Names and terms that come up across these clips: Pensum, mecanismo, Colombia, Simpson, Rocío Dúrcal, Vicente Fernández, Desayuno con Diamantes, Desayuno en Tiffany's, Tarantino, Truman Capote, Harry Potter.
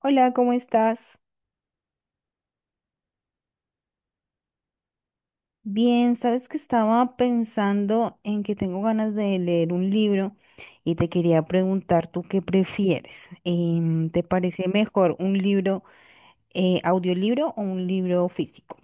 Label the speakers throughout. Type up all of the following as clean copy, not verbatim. Speaker 1: Hola, ¿cómo estás? Bien, sabes que estaba pensando en que tengo ganas de leer un libro y te quería preguntar tú qué prefieres. ¿Te parece mejor un libro audiolibro o un libro físico?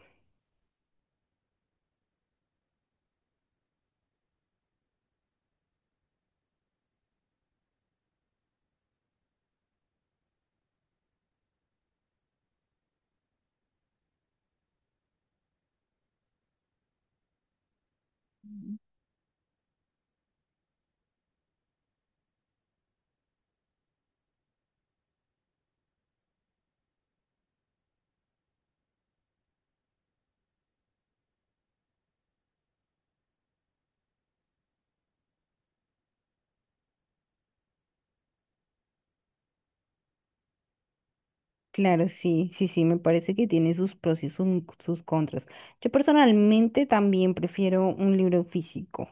Speaker 1: Claro, sí, sí, sí, me parece que tiene sus pros y sus contras. Yo personalmente también prefiero un libro físico.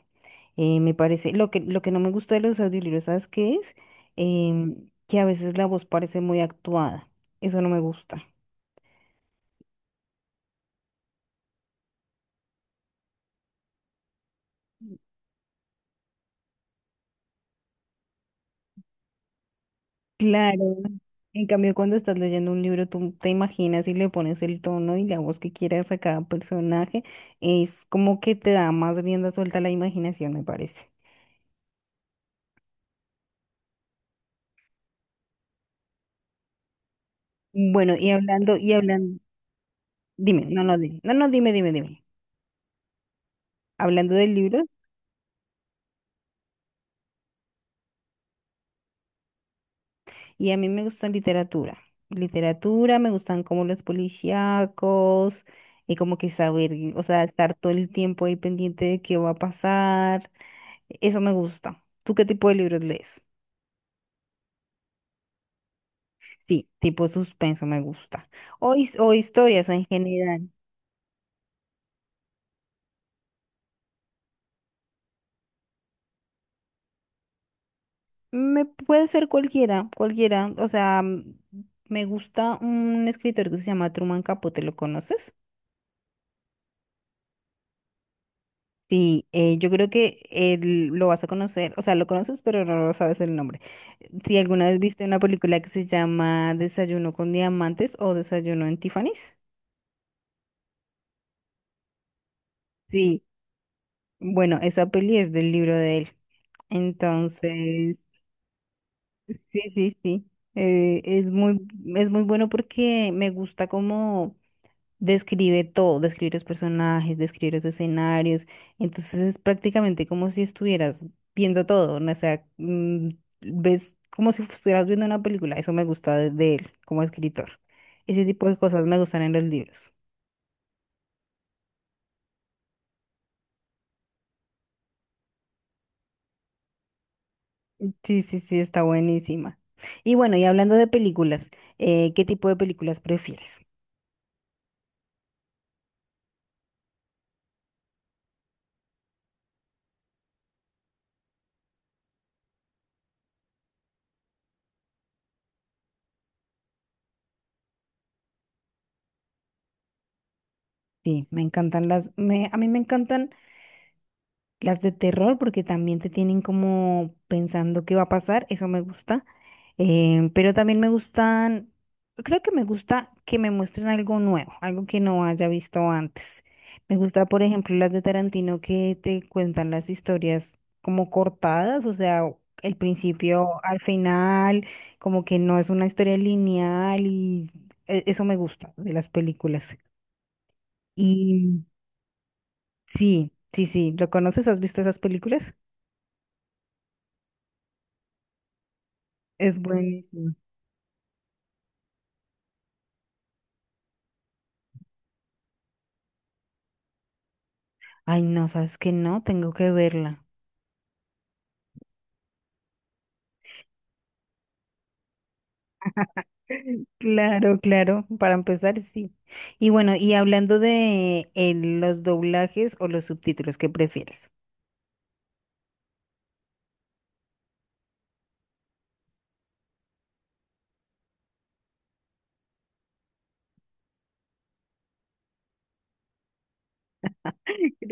Speaker 1: Me parece, lo que no me gusta de los audiolibros, ¿sabes qué es? Em, que a veces la voz parece muy actuada. Eso no me gusta. Claro. En cambio, cuando estás leyendo un libro, tú te imaginas y le pones el tono y la voz que quieras a cada personaje. Es como que te da más rienda suelta a la imaginación, me parece. Bueno, y hablando, dime, no, no, no, no, dime, dime, dime. Hablando de libros, y a mí me gusta literatura. Literatura, me gustan como los policíacos, y como que saber, o sea, estar todo el tiempo ahí pendiente de qué va a pasar. Eso me gusta. ¿Tú qué tipo de libros lees? Sí, tipo suspenso me gusta. O, o historias en general. Me puede ser cualquiera, cualquiera. O sea, me gusta un escritor que se llama Truman Capote, ¿lo conoces? Sí, yo creo que él lo vas a conocer, o sea, lo conoces, pero no lo sabes el nombre. Si alguna vez viste una película que se llama Desayuno con Diamantes o Desayuno en Tiffany's. Sí, bueno, esa peli es del libro de él. Entonces, sí, sí, sí. Eh, es muy, es muy bueno porque me gusta cómo describe todo, describe los personajes, describe los escenarios. Entonces es prácticamente como si estuvieras viendo todo, ¿no? O sea, ves como si estuvieras viendo una película. Eso me gusta de él como escritor. Ese tipo de cosas me gustan en los libros. Sí, sí, sí, está buenísima. Y bueno, y hablando de películas, ¿qué tipo de películas prefieres? Sí, me encantan a mí me encantan. Las de terror, porque también te tienen como pensando qué va a pasar, eso me gusta. Pero también me gustan, creo que me gusta que me muestren algo nuevo, algo que no haya visto antes. Me gusta, por ejemplo, las de Tarantino que te cuentan las historias como cortadas, o sea, el principio al final, como que no es una historia lineal y eso me gusta de las películas. Y sí, sí, sí, ¿lo conoces? ¿Has visto esas películas? Es buenísimo. Ay, no, ¿sabes qué? No, tengo que verla. Claro, claro, para empezar, sí. Y bueno, y hablando de los doblajes o los subtítulos, ¿qué prefieres?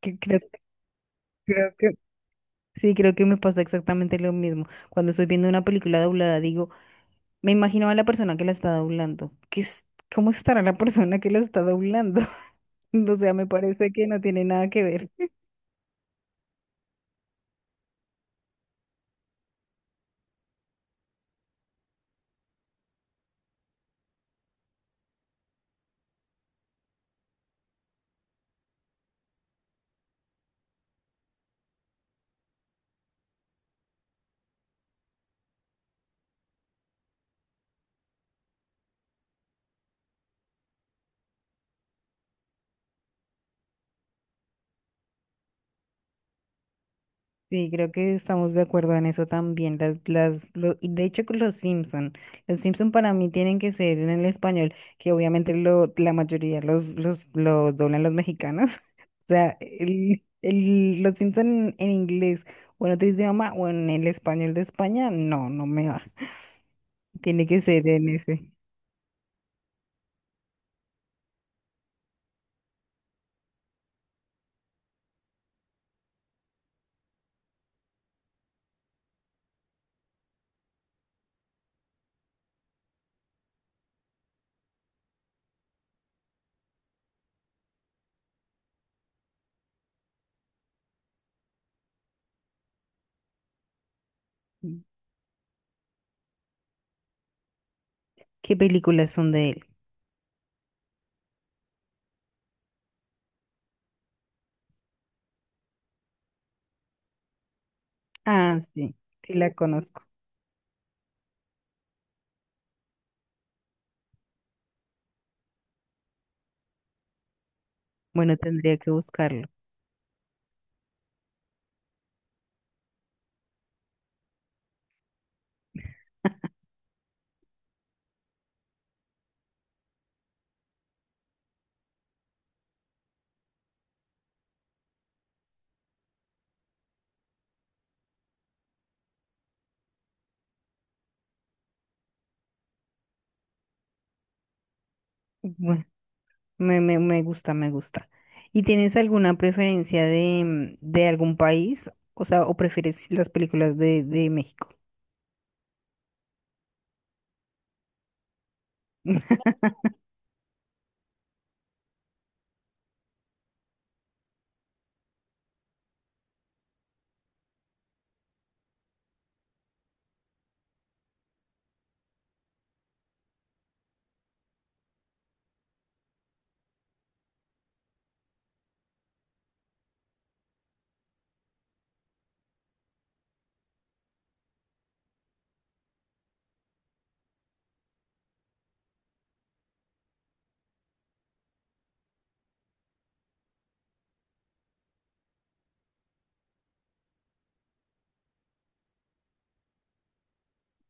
Speaker 1: Que creo, Creo que sí, creo que me pasa exactamente lo mismo. Cuando estoy viendo una película doblada, digo, me imagino a la persona que la está doblando. ¿Qué es, cómo estará la persona que la está doblando? O sea, me parece que no tiene nada que ver. Sí, creo que estamos de acuerdo en eso también. Y de hecho, con los Simpson para mí tienen que ser en el español, que obviamente la mayoría los doblan los mexicanos. O sea, los Simpson en, inglés o en otro idioma o en el español de España, no, no me va. Tiene que ser en ese. ¿Qué películas son de él? Ah, sí, sí la conozco. Bueno, tendría que buscarlo. Bueno. Me gusta, me gusta. ¿Y tienes alguna preferencia de, de algún país? O sea, ¿o prefieres las películas de México?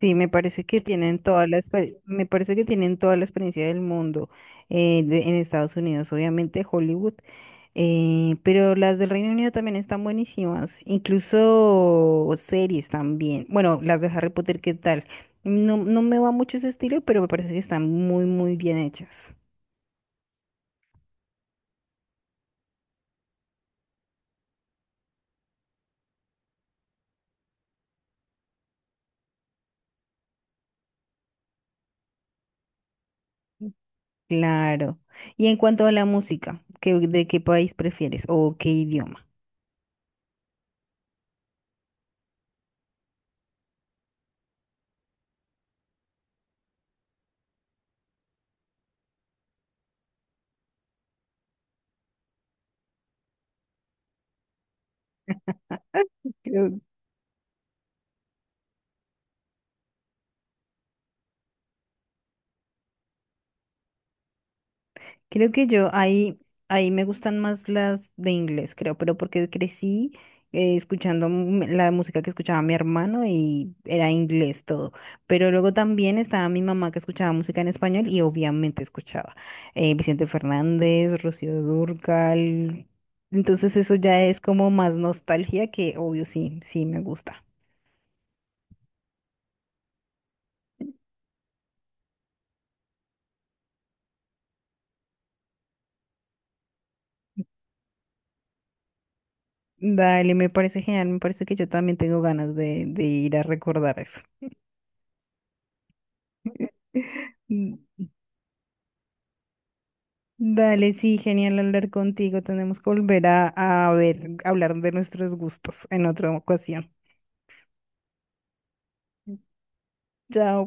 Speaker 1: Sí, me parece que tienen toda me parece que tienen toda la experiencia del mundo en Estados Unidos, obviamente, Hollywood, pero las del Reino Unido también están buenísimas, incluso series también. Bueno, las de Harry Potter, ¿qué tal? No, no me va mucho ese estilo, pero me parece que están muy, muy bien hechas. Claro. Y en cuanto a la música, ¿qué, de qué país prefieres o qué idioma? Creo, Creo que yo ahí, Ahí me gustan más las de inglés, creo, pero porque crecí escuchando la música que escuchaba mi hermano y era inglés todo. Pero luego también estaba mi mamá que escuchaba música en español y obviamente escuchaba Vicente Fernández, Rocío Dúrcal. Entonces eso ya es como más nostalgia que obvio sí, sí me gusta. Dale, me parece genial, me parece que yo también tengo ganas de ir a recordar eso. Dale, sí, genial hablar contigo. Tenemos que volver a ver, hablar de nuestros gustos en otra ocasión. Chao.